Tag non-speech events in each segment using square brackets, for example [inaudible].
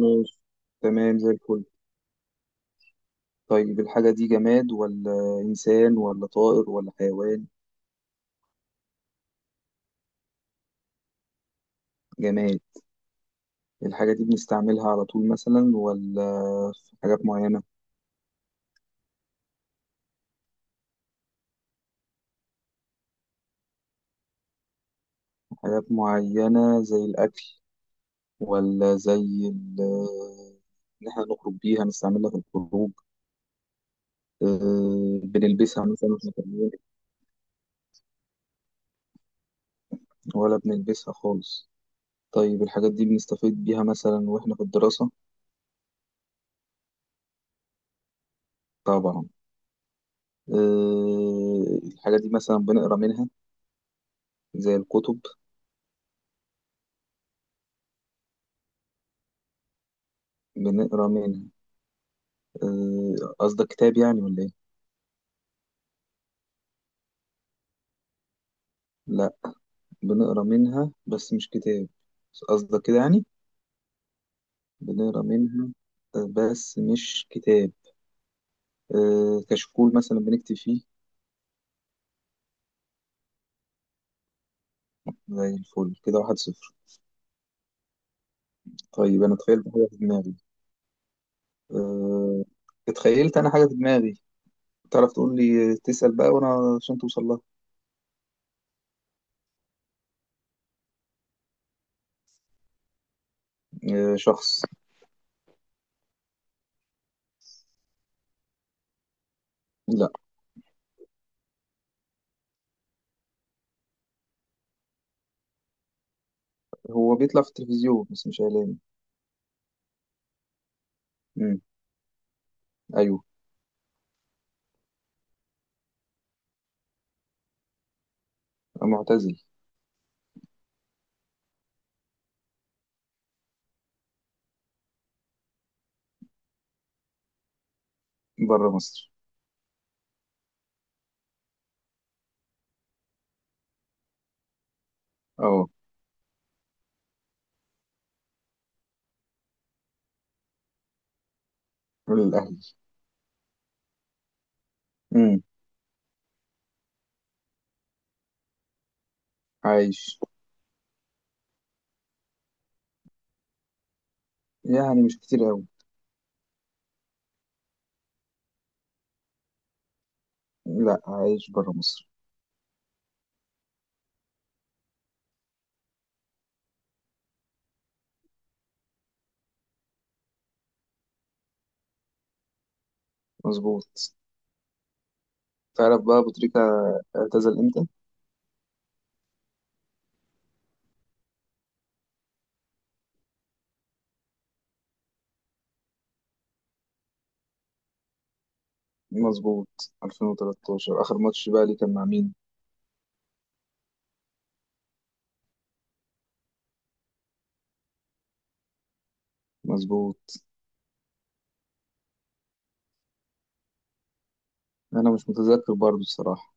ماشي. تمام، زي الفل. طيب، الحاجة دي جماد ولا إنسان ولا طائر ولا حيوان؟ جماد. الحاجة دي بنستعملها على طول مثلا ولا في حاجات معينة؟ حاجات معينة زي الأكل، ولا زي إن إحنا نخرج بيها نستعملها في الخروج؟ أه، بنلبسها مثلا إحنا كمان ولا بنلبسها خالص؟ طيب الحاجات دي بنستفيد بيها مثلا وإحنا في الدراسة؟ طبعا. أه، الحاجة دي مثلا بنقرا منها زي الكتب؟ بنقرا منها. آه، قصدك كتاب يعني ولا ايه؟ لا، بنقرا منها بس مش كتاب. قصدك كده يعني؟ بنقرا منها. آه، بس مش كتاب. آه، كشكول مثلا بنكتب فيه. زي الفل، كده واحد صفر. طيب انا تخيلت حاجه في دماغي. آه، اتخيلت انا حاجه في دماغي، تعرف تقول لي، تسأل بقى وانا عشان توصل لها. آه، شخص. لا، هو بيطلع في التلفزيون بس مش اعلامي. مم، ايوه. معتزل. بره مصر. اه. الاهلي. عايش، يعني مش كتير قوي. لا، عايش برا مصر. مظبوط. تعرف بقى أبو تريكة اعتزل امتى؟ مظبوط. 2013 اخر ماتش بقى ليه، كان مع مين؟ مظبوط. انا مش متذكر برضو الصراحة.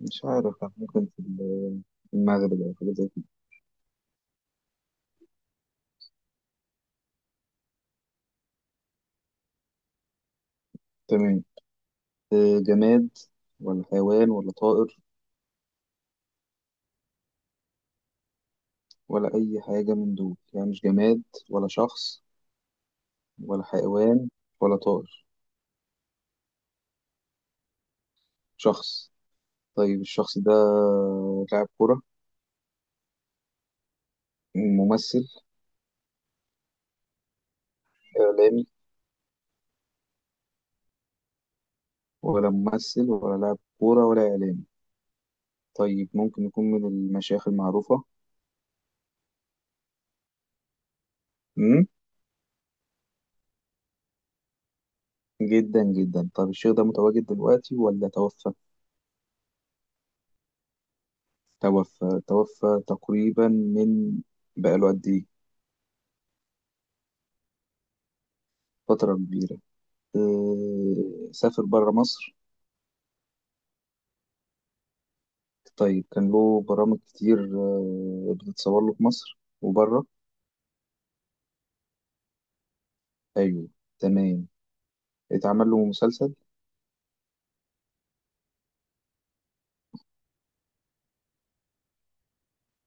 مش عارف، كان ممكن في في المغرب او حاجة زي كده. تمام. آه، جماد ولا حيوان ولا طائر؟ ولا اي حاجة من دول، يعني مش جماد ولا شخص ولا حيوان ولا طائر؟ شخص. طيب الشخص ده لاعب كرة؟ ممثل؟ إعلامي؟ ولا ممثل ولا لاعب كورة ولا إعلامي. طيب ممكن يكون من المشايخ المعروفة؟ امم جدا جدا. طب الشيخ ده متواجد دلوقتي ولا توفى؟ توفى. توفى تقريبا من، بقاله قد إيه؟ فترة كبيرة. سافر برا مصر؟ طيب كان له برامج كتير، آه، بتتصور له في مصر وبره؟ أيوه. تمام. اتعمل له مسلسل؟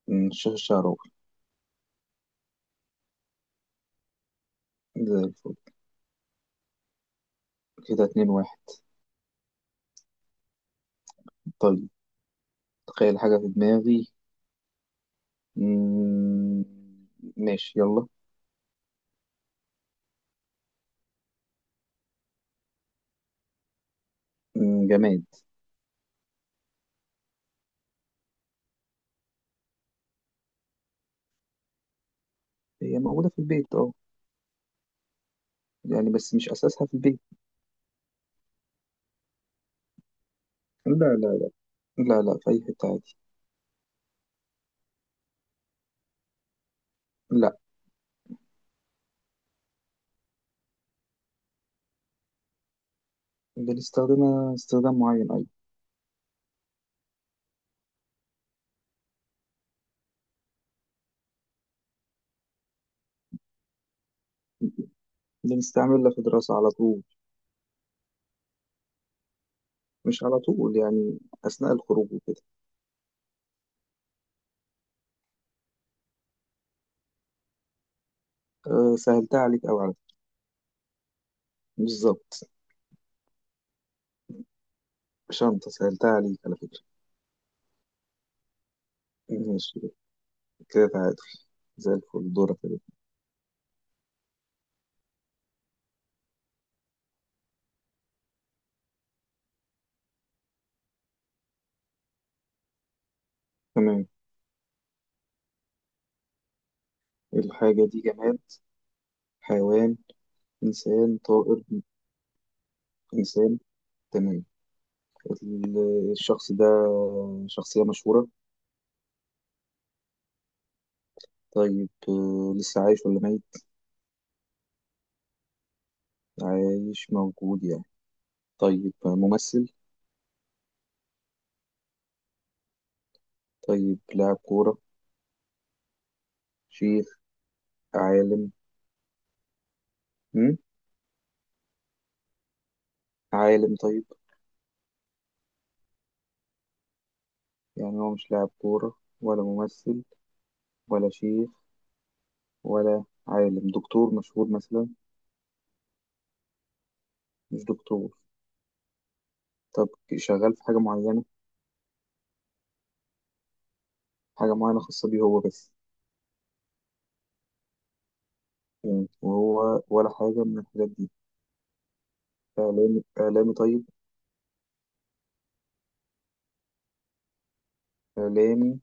الشيخ الشعراوي. زي الفل. كده اتنين واحد. طيب، تخيل حاجة في دماغي. مم، ماشي، يلا. جماد. هي موجودة في البيت اه، يعني بس مش أساسها في البيت. لا، لا، لا، في أي حتة عادي. لا. بنستخدمها استخدام معين أيضا. بنستعملها في دراسة على طول. مش على طول يعني، أثناء الخروج وكده. أه، سهلتها عليك أوي على فكرة. بالظبط. شنطة، سهلتها عليك على فكرة. ماشي، كده تعادل. زي الفل، دورك كده. تمام. الحاجة دي جماد؟ حيوان؟ إنسان، طائر؟ إنسان. تمام. الشخص ده شخصية مشهورة؟ طيب، آه، لسه عايش ولا ميت؟ عايش، موجود يعني. طيب، آه، ممثل؟ طيب لاعب كورة؟ شيخ؟ عالم؟ مم؟ عالم طيب. يعني هو مش لاعب كورة ولا ممثل ولا شيخ ولا عالم، دكتور مشهور مثلا؟ مش دكتور. طب شغال في حاجة معينة؟ حاجة معينة خاصة بيه هو بس؟ وهو ولا حاجة من الحاجات دي؟ إعلامي؟ إعلامي طيب. إعلامي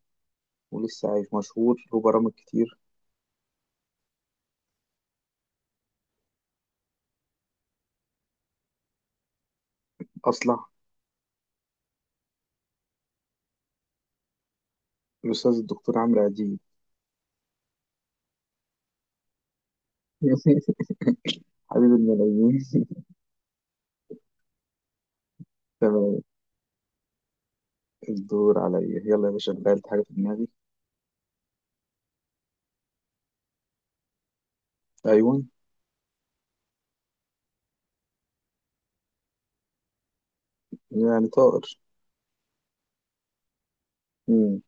ولسه عايش مشهور له برامج كتير؟ أصلح. الأستاذ الدكتور عمرو أديب. [laughs] حبيب الملايين. [laughs] تمام. الدور عليا. يلا يا باشا، غيرت حاجة في دماغي. أيوة. يعني طائر. مم.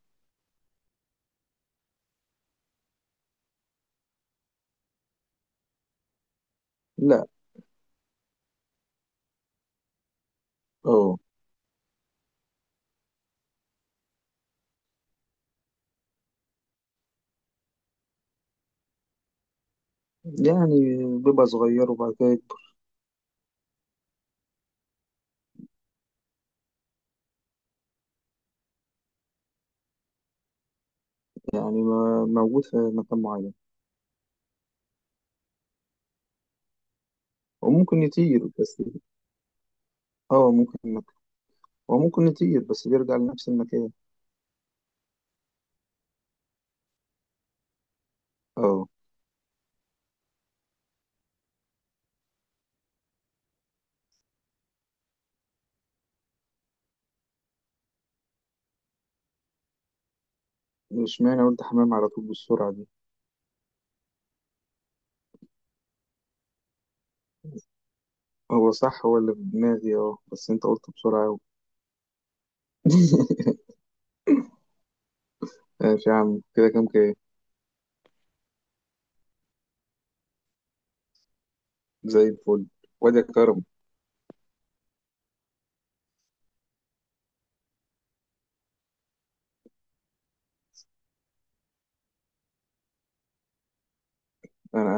لا. أه. يعني بيبقى صغير وبعد كده يكبر. يعني ما موجود في مكان معين. وممكن يطير بس. اه، وممكن يطير بس بيرجع لنفس المكان. اه. مش معنى قلت حمام على طول بالسرعة دي. هو صح، هو اللي في دماغي، اه، بس انت قلت بسرعة أوي. [laughs] ماشي يا عم، كده كام كام؟ زي الفل. وادي كرم. انا